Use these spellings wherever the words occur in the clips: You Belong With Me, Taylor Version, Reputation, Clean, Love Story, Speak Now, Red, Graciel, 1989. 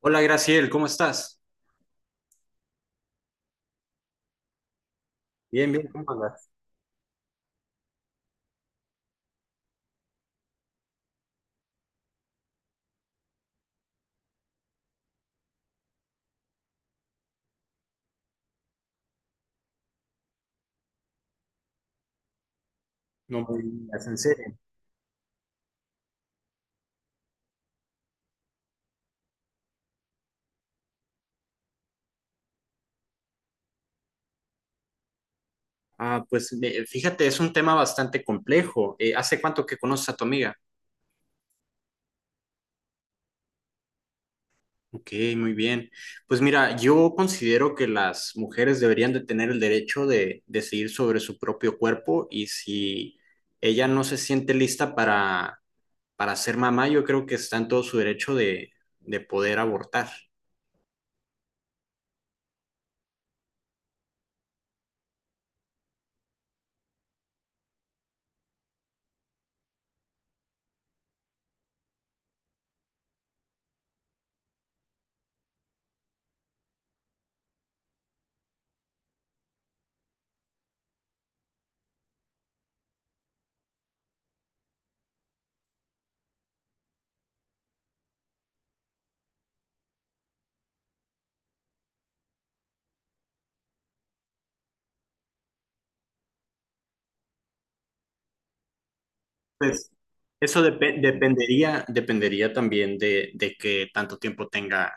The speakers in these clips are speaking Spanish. Hola Graciel, ¿cómo estás? Bien, bien, ¿cómo andas? No me digas, en serio. Ah, pues fíjate, es un tema bastante complejo. ¿Hace cuánto que conoces a tu amiga? Ok, muy bien. Pues mira, yo considero que las mujeres deberían de tener el derecho de decidir sobre su propio cuerpo y si ella no se siente lista para ser mamá, yo creo que está en todo su derecho de poder abortar. Pues eso dependería también de que tanto tiempo tenga,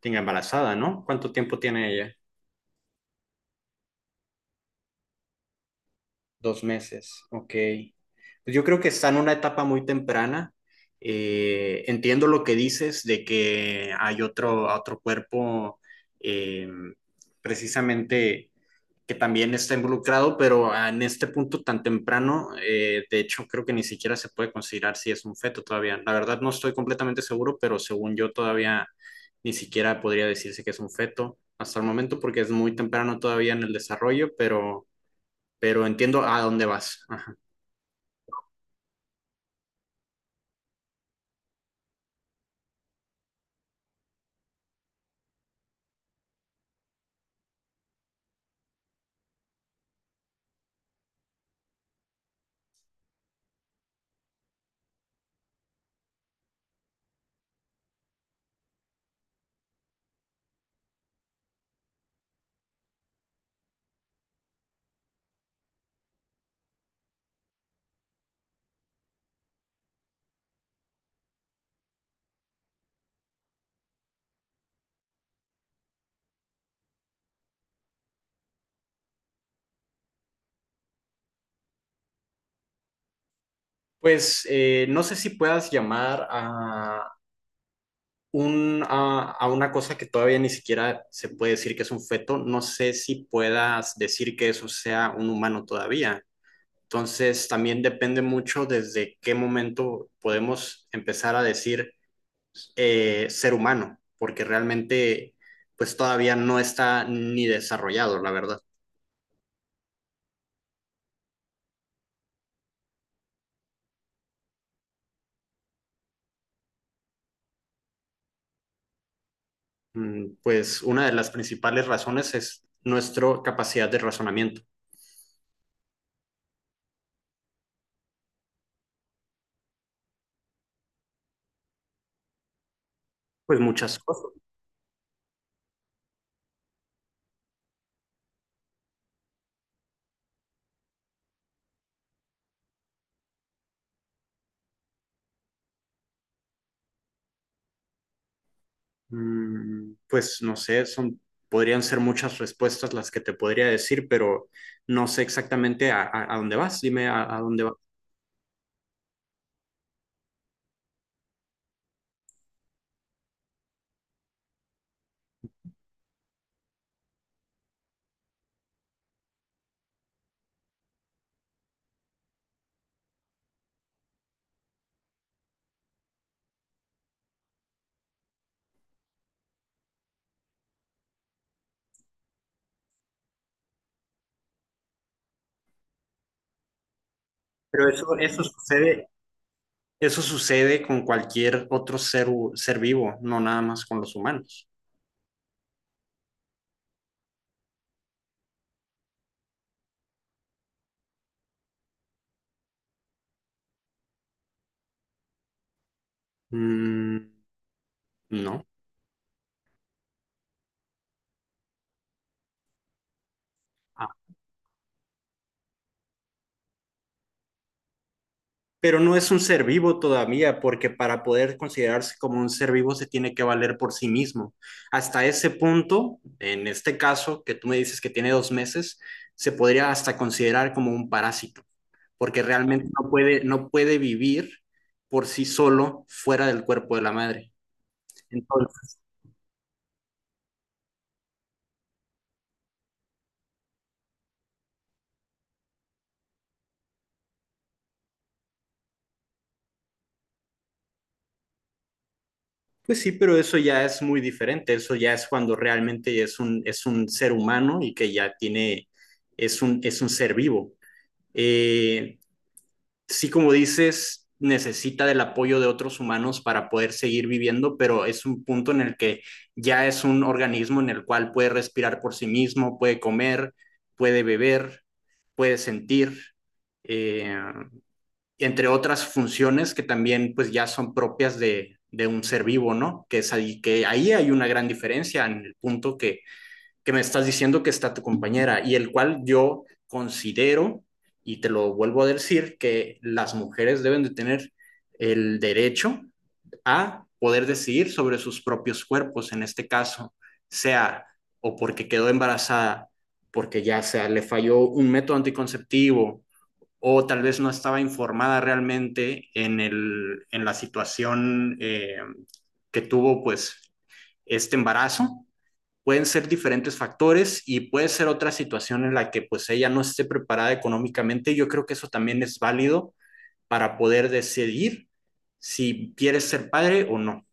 tenga embarazada, ¿no? ¿Cuánto tiempo tiene ella? 2 meses, ok. Pues yo creo que está en una etapa muy temprana. Entiendo lo que dices de que hay otro cuerpo eh, precisamente que también está involucrado, pero en este punto tan temprano, de hecho creo que ni siquiera se puede considerar si es un feto todavía. La verdad no estoy completamente seguro, pero según yo todavía ni siquiera podría decirse que es un feto hasta el momento porque es muy temprano todavía en el desarrollo, pero entiendo a dónde vas. Ajá. Pues no sé si puedas llamar a una cosa que todavía ni siquiera se puede decir que es un feto, no sé si puedas decir que eso sea un humano todavía. Entonces, también depende mucho desde qué momento podemos empezar a decir ser humano, porque realmente pues todavía no está ni desarrollado, la verdad. Mm, pues una de las principales razones es nuestra capacidad de razonamiento. Pues muchas cosas. Mm, pues no sé, podrían ser muchas respuestas las que te podría decir, pero no sé exactamente a dónde vas. Dime a dónde vas. Eso sucede. Eso sucede con cualquier otro ser vivo, no nada más con los humanos. Mm, no. Ah, pero no es un ser vivo todavía, porque para poder considerarse como un ser vivo se tiene que valer por sí mismo. Hasta ese punto, en este caso, que tú me dices que tiene 2 meses, se podría hasta considerar como un parásito, porque realmente no puede vivir por sí solo fuera del cuerpo de la madre. Entonces, pues sí, pero eso ya es muy diferente. Eso ya es cuando realmente es un ser humano y que ya tiene, es un ser vivo. Eh, sí, como dices, necesita del apoyo de otros humanos para poder seguir viviendo, pero es un punto en el que ya es un organismo en el cual puede respirar por sí mismo, puede comer, puede beber, puede sentir. Eh, entre otras funciones que también pues ya son propias de un ser vivo, ¿no? Es ahí, que ahí hay una gran diferencia en el punto que me estás diciendo que está tu compañera y el cual yo considero, y te lo vuelvo a decir, que las mujeres deben de tener el derecho a poder decidir sobre sus propios cuerpos, en este caso, sea o porque quedó embarazada, porque ya sea le falló un método anticonceptivo o tal vez no estaba informada realmente en la situación que tuvo pues este embarazo. Pueden ser diferentes factores y puede ser otra situación en la que pues ella no esté preparada económicamente. Yo creo que eso también es válido para poder decidir si quieres ser padre o no.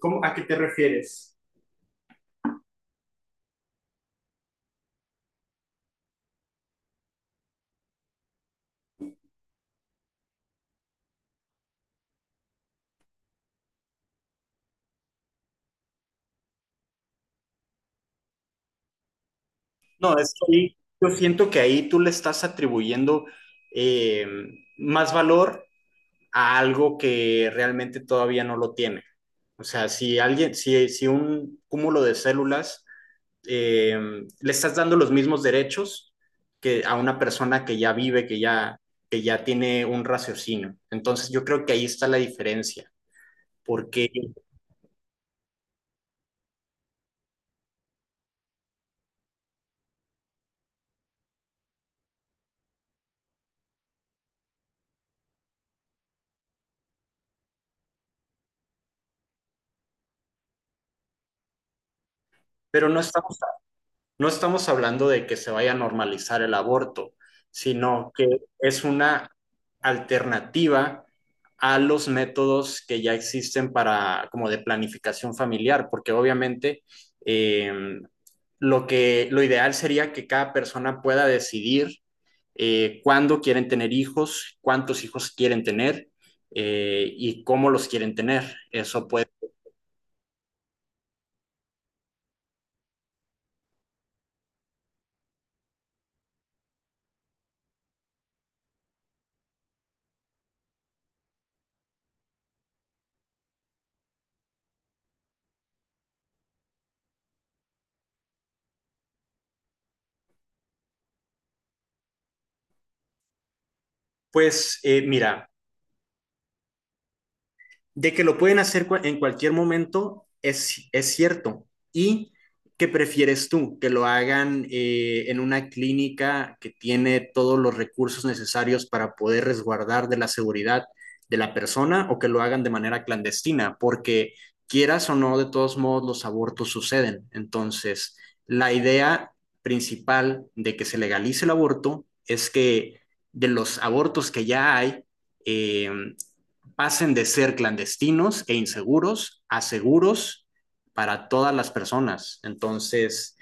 ¿A qué te refieres? No, es que yo siento que ahí tú le estás atribuyendo eh, más valor a algo que realmente todavía no lo tiene. O sea, si alguien, si, si un cúmulo de células eh, le estás dando los mismos derechos que a una persona que ya vive, que ya tiene un raciocinio. Entonces yo creo que ahí está la diferencia, porque, pero no estamos hablando de que se vaya a normalizar el aborto, sino que es una alternativa a los métodos que ya existen para como de planificación familiar, porque obviamente eh, lo ideal sería que cada persona pueda decidir cuándo quieren tener hijos, cuántos hijos quieren tener y cómo los quieren tener. Eso puede. Pues mira, de que lo pueden hacer en cualquier momento es cierto. ¿Y qué prefieres tú? ¿Que lo hagan en una clínica que tiene todos los recursos necesarios para poder resguardar de la seguridad de la persona o que lo hagan de manera clandestina? Porque quieras o no, de todos modos los abortos suceden. Entonces, la idea principal de que se legalice el aborto es que de los abortos que ya hay, eh, pasen de ser clandestinos e inseguros a seguros para todas las personas. Entonces,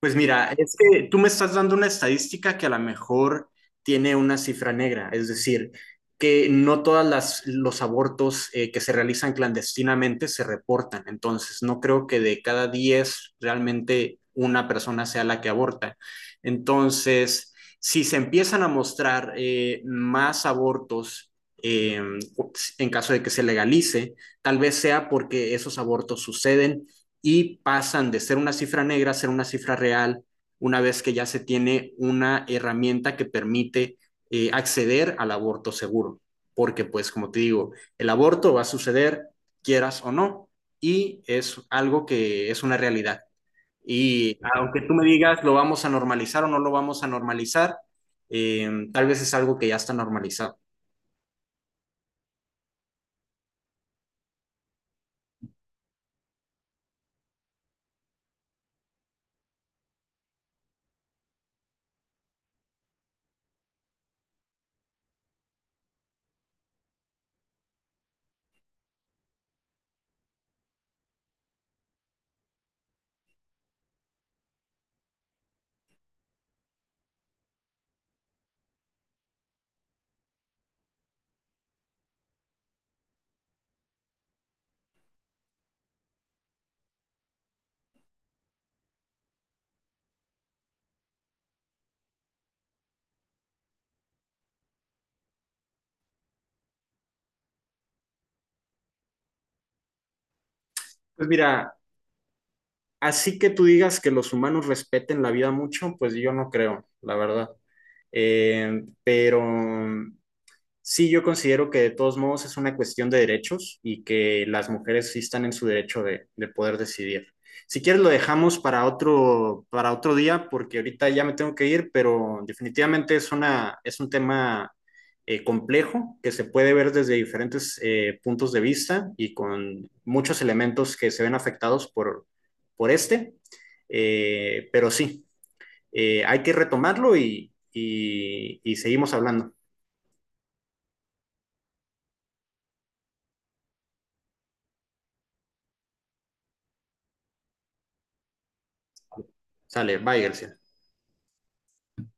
pues mira, es que tú me estás dando una estadística que a lo mejor tiene una cifra negra, es decir, que no todas las los abortos que se realizan clandestinamente se reportan. Entonces, no creo que de cada 10 realmente una persona sea la que aborta. Entonces, si se empiezan a mostrar más abortos eh, en caso de que se legalice, tal vez sea porque esos abortos suceden y pasan de ser una cifra negra a ser una cifra real una vez que ya se tiene una herramienta que permite acceder al aborto seguro. Porque pues como te digo, el aborto va a suceder quieras o no y es algo que es una realidad. Y aunque tú me digas lo vamos a normalizar o no lo vamos a normalizar, tal vez es algo que ya está normalizado. Pues mira, así que tú digas que los humanos respeten la vida mucho, pues yo no creo, la verdad. Eh, pero Sí, yo considero que de todos modos es una cuestión de derechos y que las mujeres sí están en su derecho de poder decidir. Si quieres lo dejamos para para otro día porque ahorita ya me tengo que ir, pero definitivamente es es un tema complejo que se puede ver desde diferentes puntos de vista y con muchos elementos que se ven afectados por este. Eh, pero sí, hay que retomarlo y seguimos hablando. Sale, bye, García.